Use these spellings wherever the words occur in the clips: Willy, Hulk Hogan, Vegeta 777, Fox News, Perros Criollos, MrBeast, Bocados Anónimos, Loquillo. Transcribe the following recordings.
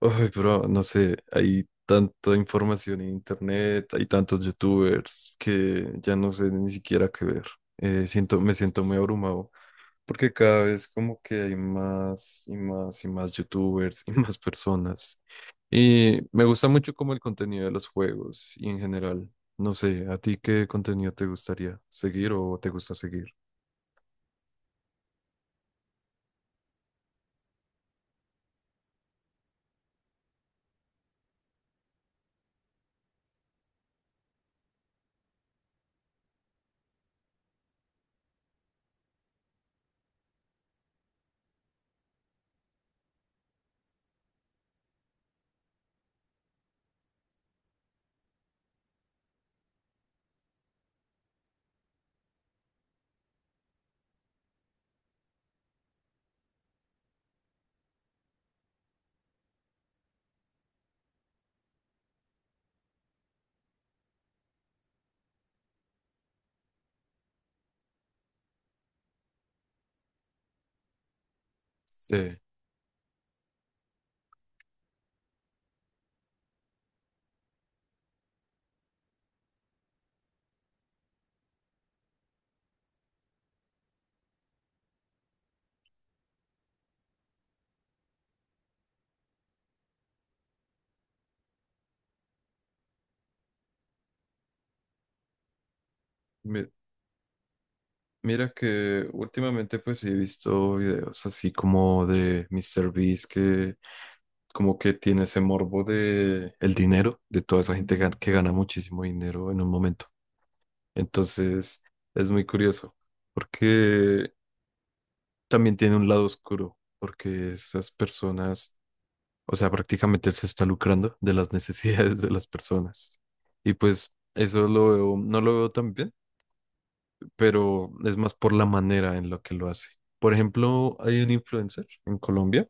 Ay, pero no sé, hay tanta información en internet, hay tantos youtubers que ya no sé ni siquiera qué ver. Me siento muy abrumado porque cada vez como que hay más y más y más youtubers y más personas. Y me gusta mucho como el contenido de los juegos y en general. No sé, ¿a ti qué contenido te gustaría seguir o te gusta seguir? Sí. Mira que últimamente pues sí he visto videos así como de MrBeast que como que tiene ese morbo de el dinero, de toda esa gente que gana muchísimo dinero en un momento. Entonces es muy curioso porque también tiene un lado oscuro porque esas personas, o sea, prácticamente se está lucrando de las necesidades de las personas. Y pues eso lo veo, no lo veo tan bien pero es más por la manera en la que lo hace. Por ejemplo, hay un influencer en Colombia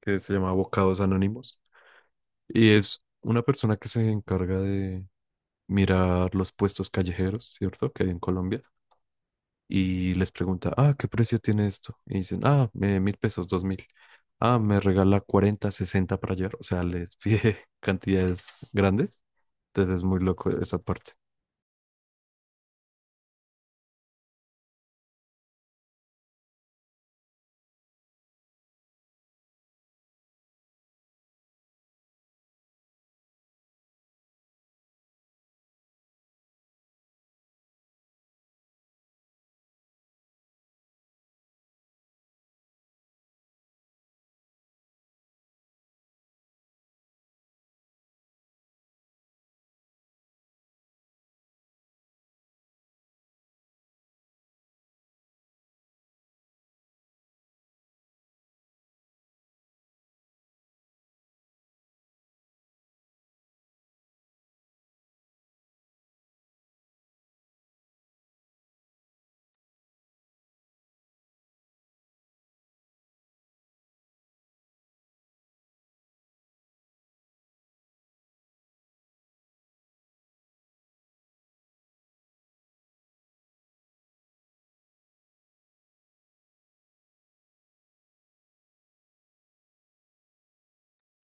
que se llama Bocados Anónimos y es una persona que se encarga de mirar los puestos callejeros, ¿cierto? Que hay en Colombia y les pregunta, ah, ¿qué precio tiene esto? Y dicen, ah, 1.000 pesos, 2.000. Ah, me regala 40, 60 para ayer. O sea, les pide cantidades grandes. Entonces es muy loco esa parte.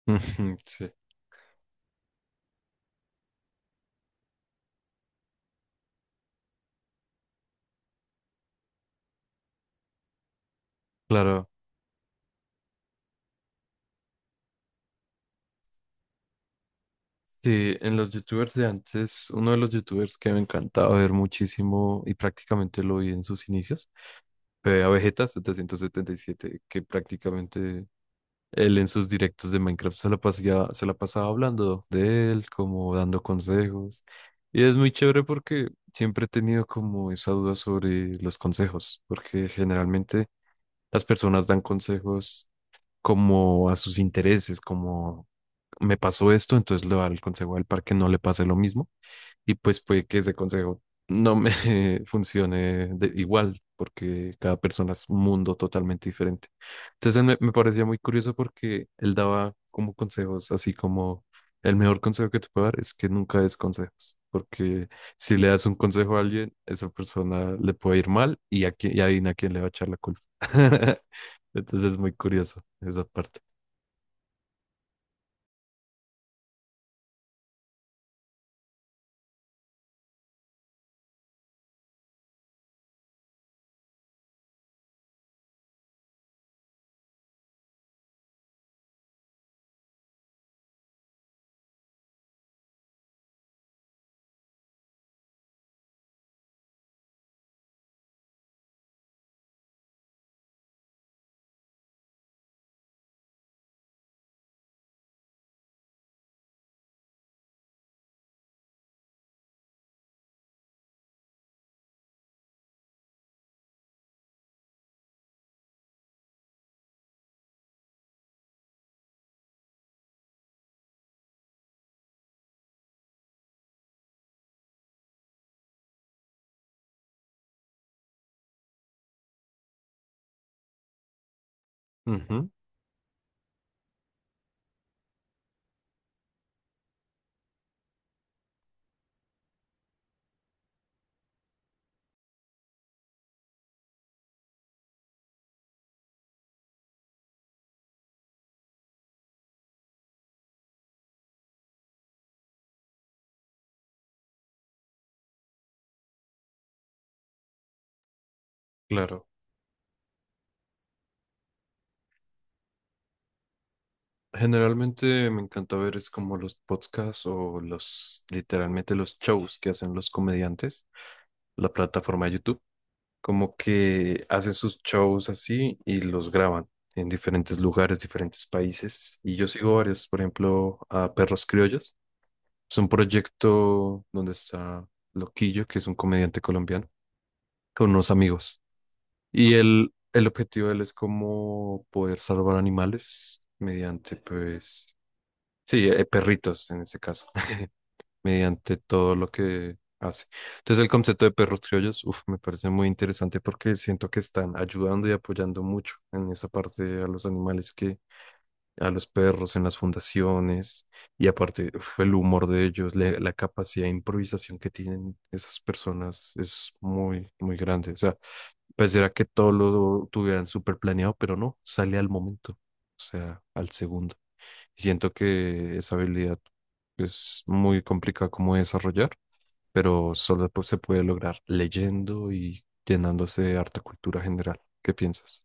Sí, claro. Sí, en los youtubers de antes, uno de los youtubers que me encantaba ver muchísimo y prácticamente lo vi en sus inicios, fue a Vegeta 777, que prácticamente él en sus directos de Minecraft se la pasaba hablando de él, como dando consejos. Y es muy chévere porque siempre he tenido como esa duda sobre los consejos, porque generalmente las personas dan consejos como a sus intereses, como me pasó esto, entonces le va el consejo a él para que no le pase lo mismo y pues puede que ese consejo no me funcione de igual, porque cada persona es un mundo totalmente diferente. Entonces él me parecía muy curioso porque él daba como consejos, así como el mejor consejo que te puedo dar es que nunca des consejos, porque si le das un consejo a alguien, esa persona le puede ir mal y a quién, y adivina a quién le va a echar la culpa. Entonces es muy curioso esa parte. Ujú, claro. Generalmente me encanta ver es como los podcasts o los, literalmente los shows que hacen los comediantes, la plataforma de YouTube, como que hacen sus shows así y los graban en diferentes lugares, diferentes países. Y yo sigo varios, por ejemplo, a Perros Criollos. Es un proyecto donde está Loquillo, que es un comediante colombiano, con unos amigos. Y él, el objetivo de él es como poder salvar animales mediante, pues sí, perritos en ese caso, mediante todo lo que hace. Entonces el concepto de perros criollos, uf, me parece muy interesante porque siento que están ayudando y apoyando mucho en esa parte a los animales que a los perros en las fundaciones y aparte uf, el humor de ellos, la capacidad de improvisación que tienen esas personas es muy, muy grande. O sea, pareciera que todo lo tuvieran súper planeado, pero no, sale al momento, o sea, al segundo. Siento que esa habilidad es muy complicada como de desarrollar, pero solo pues, se puede lograr leyendo y llenándose de harta cultura general. ¿Qué piensas?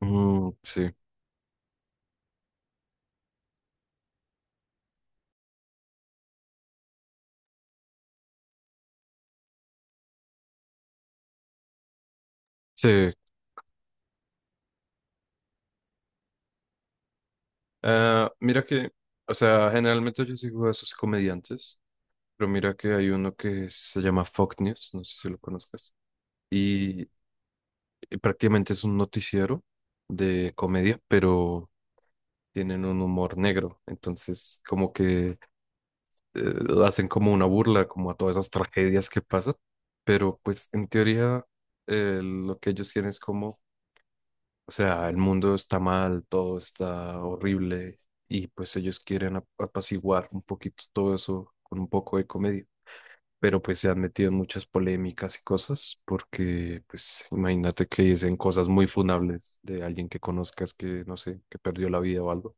Mm, sí, sí. Ah, mira que, o sea, generalmente yo sigo a esos comediantes, pero mira que hay uno que se llama Fox News, no sé si lo conozcas, y, y prácticamente es un noticiero de comedia, pero tienen un humor negro, entonces como que eh, hacen como una burla, como a todas esas tragedias que pasan, pero pues en teoría lo que ellos quieren es como, o sea, el mundo está mal, todo está horrible y pues ellos quieren apaciguar un poquito todo eso con un poco de comedia. Pero pues se han metido en muchas polémicas y cosas, porque pues imagínate que dicen cosas muy funables de alguien que conozcas que, no sé, que perdió la vida o algo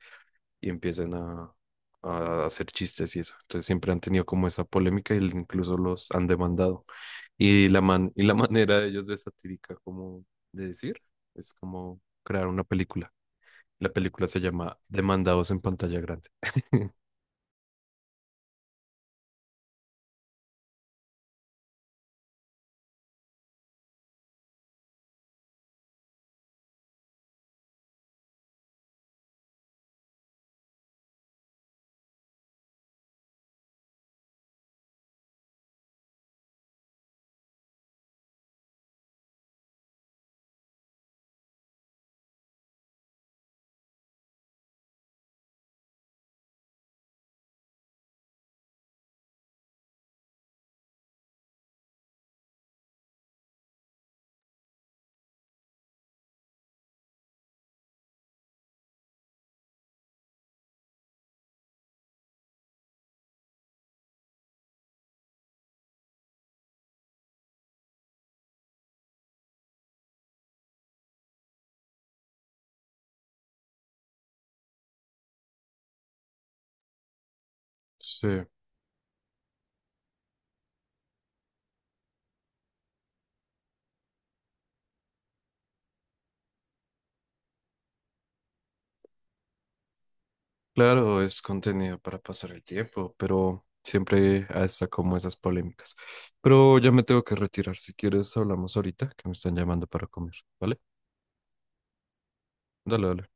y empiezan a, hacer chistes y eso. Entonces siempre han tenido como esa polémica y incluso los han demandado. Y la man, y la manera de ellos de satírica como de decir es como crear una película. La película se llama Demandados en pantalla grande. Sí, claro, es contenido para pasar el tiempo, pero siempre hasta como esas polémicas. Pero ya me tengo que retirar. Si quieres, hablamos ahorita, que me están llamando para comer, ¿vale? Dale, dale.